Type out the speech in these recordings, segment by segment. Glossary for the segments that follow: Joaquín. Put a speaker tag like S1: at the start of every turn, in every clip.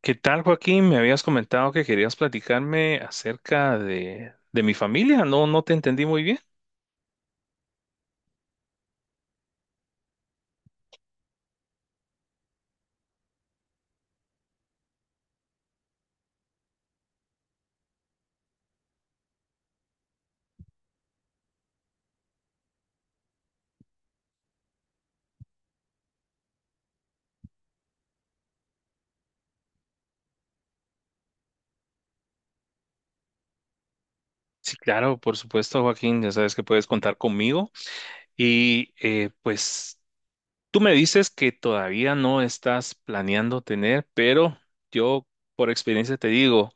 S1: ¿Qué tal, Joaquín? Me habías comentado que querías platicarme acerca de mi familia. No te entendí muy bien. Sí, claro, por supuesto, Joaquín, ya sabes que puedes contar conmigo. Y tú me dices que todavía no estás planeando tener, pero yo por experiencia te digo.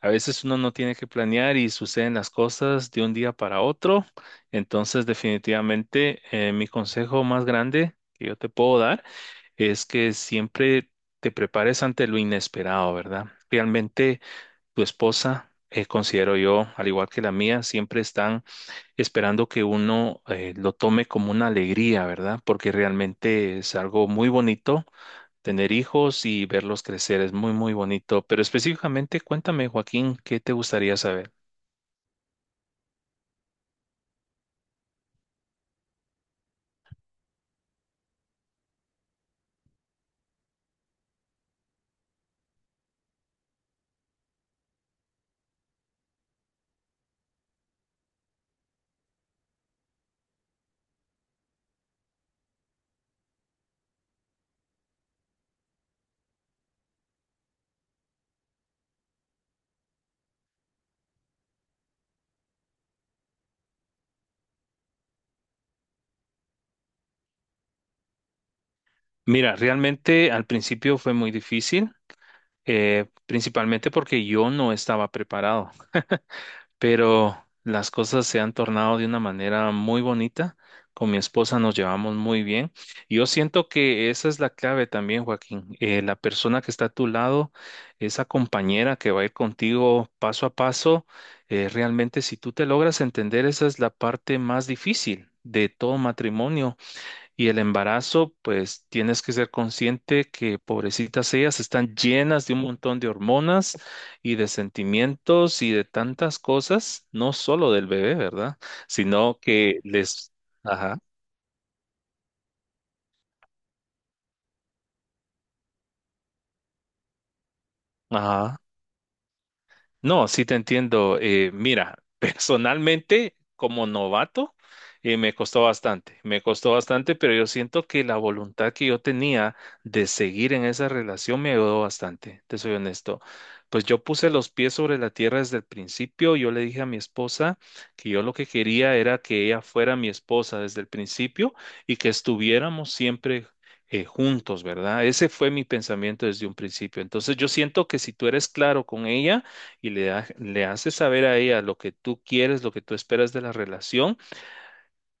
S1: A veces uno no tiene que planear y suceden las cosas de un día para otro. Entonces, definitivamente, mi consejo más grande que yo te puedo dar es que siempre te prepares ante lo inesperado, ¿verdad? Realmente tu esposa, considero yo, al igual que la mía, siempre están esperando que uno lo tome como una alegría, ¿verdad? Porque realmente es algo muy bonito. Tener hijos y verlos crecer es muy, muy bonito, pero específicamente cuéntame, Joaquín, ¿qué te gustaría saber? Mira, realmente al principio fue muy difícil, principalmente porque yo no estaba preparado, pero las cosas se han tornado de una manera muy bonita. Con mi esposa nos llevamos muy bien. Yo siento que esa es la clave también, Joaquín. La persona que está a tu lado, esa compañera que va a ir contigo paso a paso, realmente si tú te logras entender, esa es la parte más difícil de todo matrimonio y el embarazo. Pues tienes que ser consciente que pobrecitas ellas están llenas de un montón de hormonas y de sentimientos y de tantas cosas, no solo del bebé, ¿verdad? Sino que les... Ajá, ajá. No, sí te entiendo. Mira, personalmente, como novato, me costó bastante, pero yo siento que la voluntad que yo tenía de seguir en esa relación me ayudó bastante, te soy honesto. Pues yo puse los pies sobre la tierra desde el principio, yo le dije a mi esposa que yo lo que quería era que ella fuera mi esposa desde el principio y que estuviéramos siempre juntos, ¿verdad? Ese fue mi pensamiento desde un principio. Entonces yo siento que si tú eres claro con ella, y le haces saber a ella lo que tú quieres, lo que tú esperas de la relación,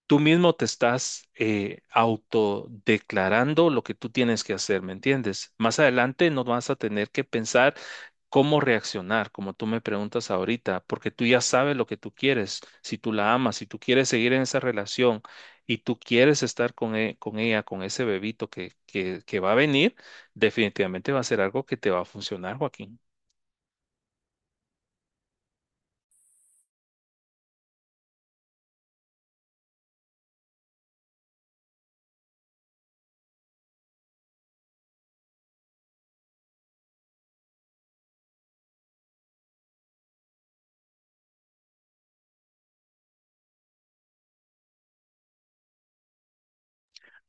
S1: tú mismo te estás autodeclarando lo que tú tienes que hacer, ¿me entiendes? Más adelante no vas a tener que pensar cómo reaccionar, como tú me preguntas ahorita, porque tú ya sabes lo que tú quieres, si tú la amas, si tú quieres seguir en esa relación y tú quieres estar con ella, con ese bebito que va a venir, definitivamente va a ser algo que te va a funcionar, Joaquín.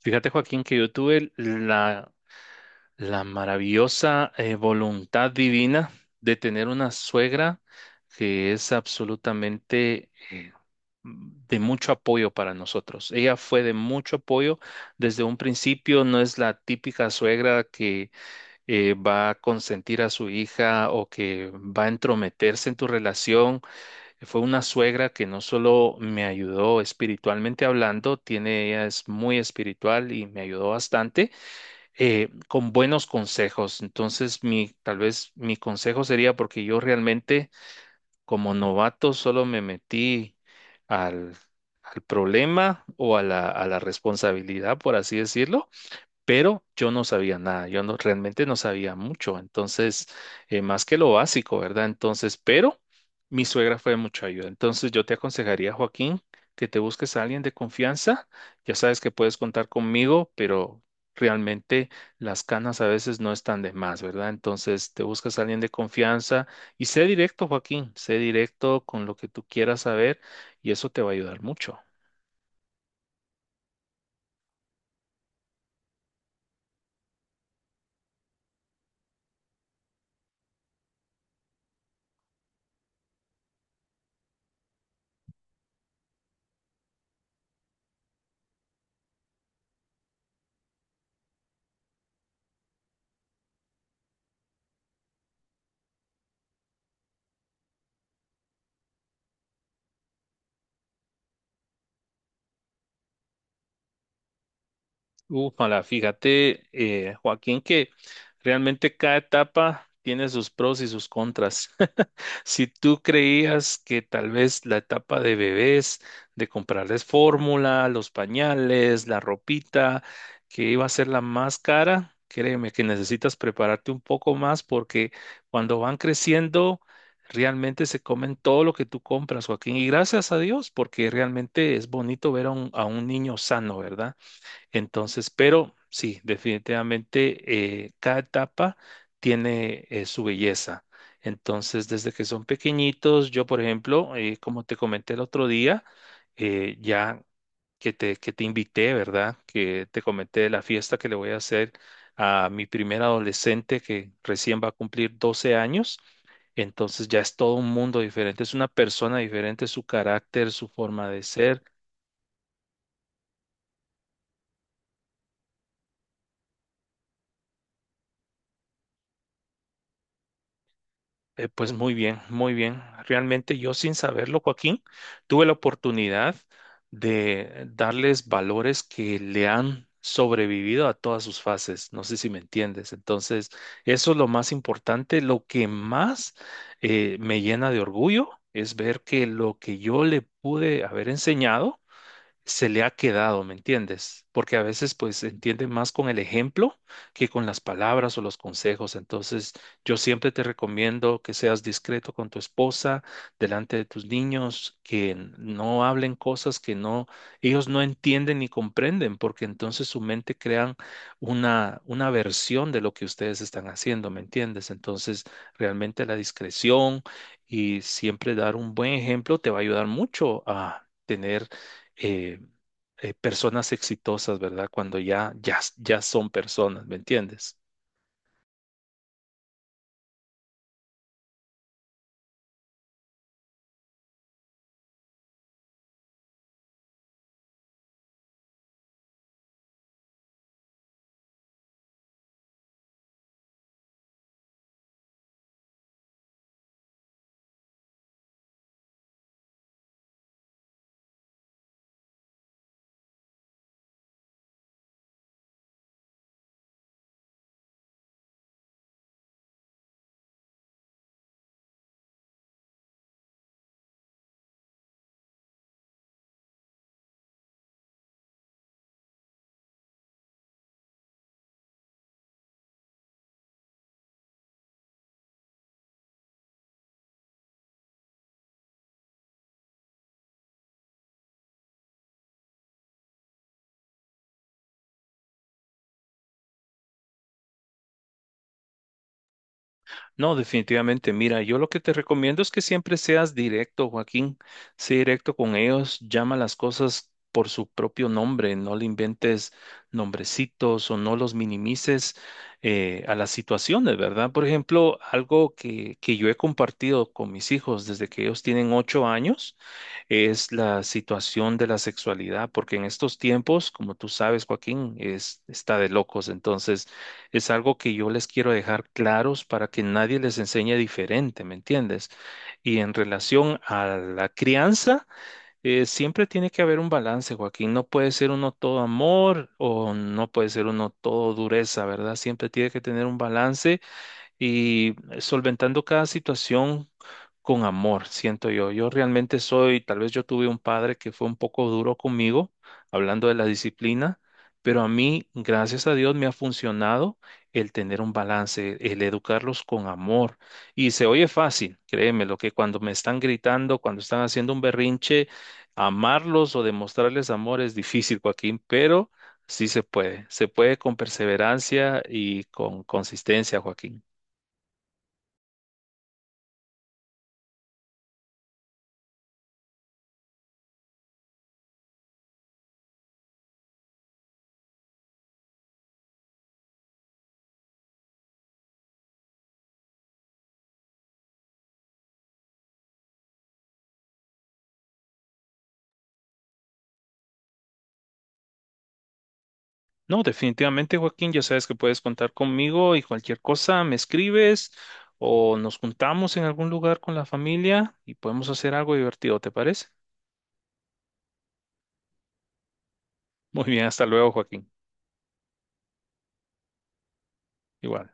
S1: Fíjate, Joaquín, que yo tuve la maravillosa voluntad divina de tener una suegra que es absolutamente de mucho apoyo para nosotros. Ella fue de mucho apoyo desde un principio, no es la típica suegra que va a consentir a su hija o que va a entrometerse en tu relación. Fue una suegra que no solo me ayudó espiritualmente hablando, tiene, ella es muy espiritual y me ayudó bastante con buenos consejos. Entonces, mi, tal vez mi consejo sería porque yo realmente como novato solo me metí al, al problema a la responsabilidad, por así decirlo, pero yo no sabía nada, yo no, realmente no sabía mucho, entonces, más que lo básico, ¿verdad? Entonces, pero mi suegra fue de mucha ayuda, entonces yo te aconsejaría, Joaquín, que te busques a alguien de confianza, ya sabes que puedes contar conmigo, pero realmente las canas a veces no están de más, ¿verdad? Entonces, te buscas a alguien de confianza y sé directo, Joaquín, sé directo con lo que tú quieras saber y eso te va a ayudar mucho. Ufala, fíjate, Joaquín, que realmente cada etapa tiene sus pros y sus contras. Si tú creías que tal vez la etapa de bebés, de comprarles fórmula, los pañales, la ropita, que iba a ser la más cara, créeme que necesitas prepararte un poco más porque cuando van creciendo, realmente se comen todo lo que tú compras, Joaquín. Y gracias a Dios, porque realmente es bonito ver a un niño sano, ¿verdad? Entonces, pero sí, definitivamente cada etapa tiene su belleza. Entonces, desde que son pequeñitos, yo, por ejemplo, como te comenté el otro día, ya que que te invité, ¿verdad? Que te comenté de la fiesta que le voy a hacer a mi primer adolescente que recién va a cumplir 12 años. Entonces ya es todo un mundo diferente, es una persona diferente, su carácter, su forma de ser. Pues muy bien, muy bien. Realmente yo sin saberlo, Joaquín, tuve la oportunidad de darles valores que le han sobrevivido a todas sus fases. No sé si me entiendes. Entonces, eso es lo más importante. Lo que más me llena de orgullo es ver que lo que yo le pude haber enseñado se le ha quedado, ¿me entiendes? Porque a veces pues se entiende más con el ejemplo que con las palabras o los consejos. Entonces, yo siempre te recomiendo que seas discreto con tu esposa, delante de tus niños, que no hablen cosas que ellos no entienden ni comprenden, porque entonces su mente crean una versión de lo que ustedes están haciendo, ¿me entiendes? Entonces, realmente la discreción y siempre dar un buen ejemplo te va a ayudar mucho a tener eh, personas exitosas, ¿verdad? Cuando ya son personas, ¿me entiendes? No, definitivamente. Mira, yo lo que te recomiendo es que siempre seas directo, Joaquín. Sé directo con ellos, llama las cosas por su propio nombre, no le inventes nombrecitos o no los minimices a las situaciones, ¿verdad? Por ejemplo, algo que yo he compartido con mis hijos desde que ellos tienen 8 años es la situación de la sexualidad, porque en estos tiempos, como tú sabes, Joaquín, es, está de locos. Entonces, es algo que yo les quiero dejar claros para que nadie les enseñe diferente, ¿me entiendes? Y en relación a la crianza, siempre tiene que haber un balance, Joaquín. No puede ser uno todo amor o no puede ser uno todo dureza, ¿verdad? Siempre tiene que tener un balance y solventando cada situación con amor, siento yo. Yo realmente soy, tal vez yo tuve un padre que fue un poco duro conmigo, hablando de la disciplina, pero a mí, gracias a Dios, me ha funcionado el tener un balance, el educarlos con amor. Y se oye fácil, créeme, lo que cuando me están gritando, cuando están haciendo un berrinche, amarlos o demostrarles amor es difícil, Joaquín, pero sí se puede con perseverancia y con consistencia, Joaquín. No, definitivamente, Joaquín, ya sabes que puedes contar conmigo y cualquier cosa me escribes o nos juntamos en algún lugar con la familia y podemos hacer algo divertido, ¿te parece? Muy bien, hasta luego, Joaquín. Igual.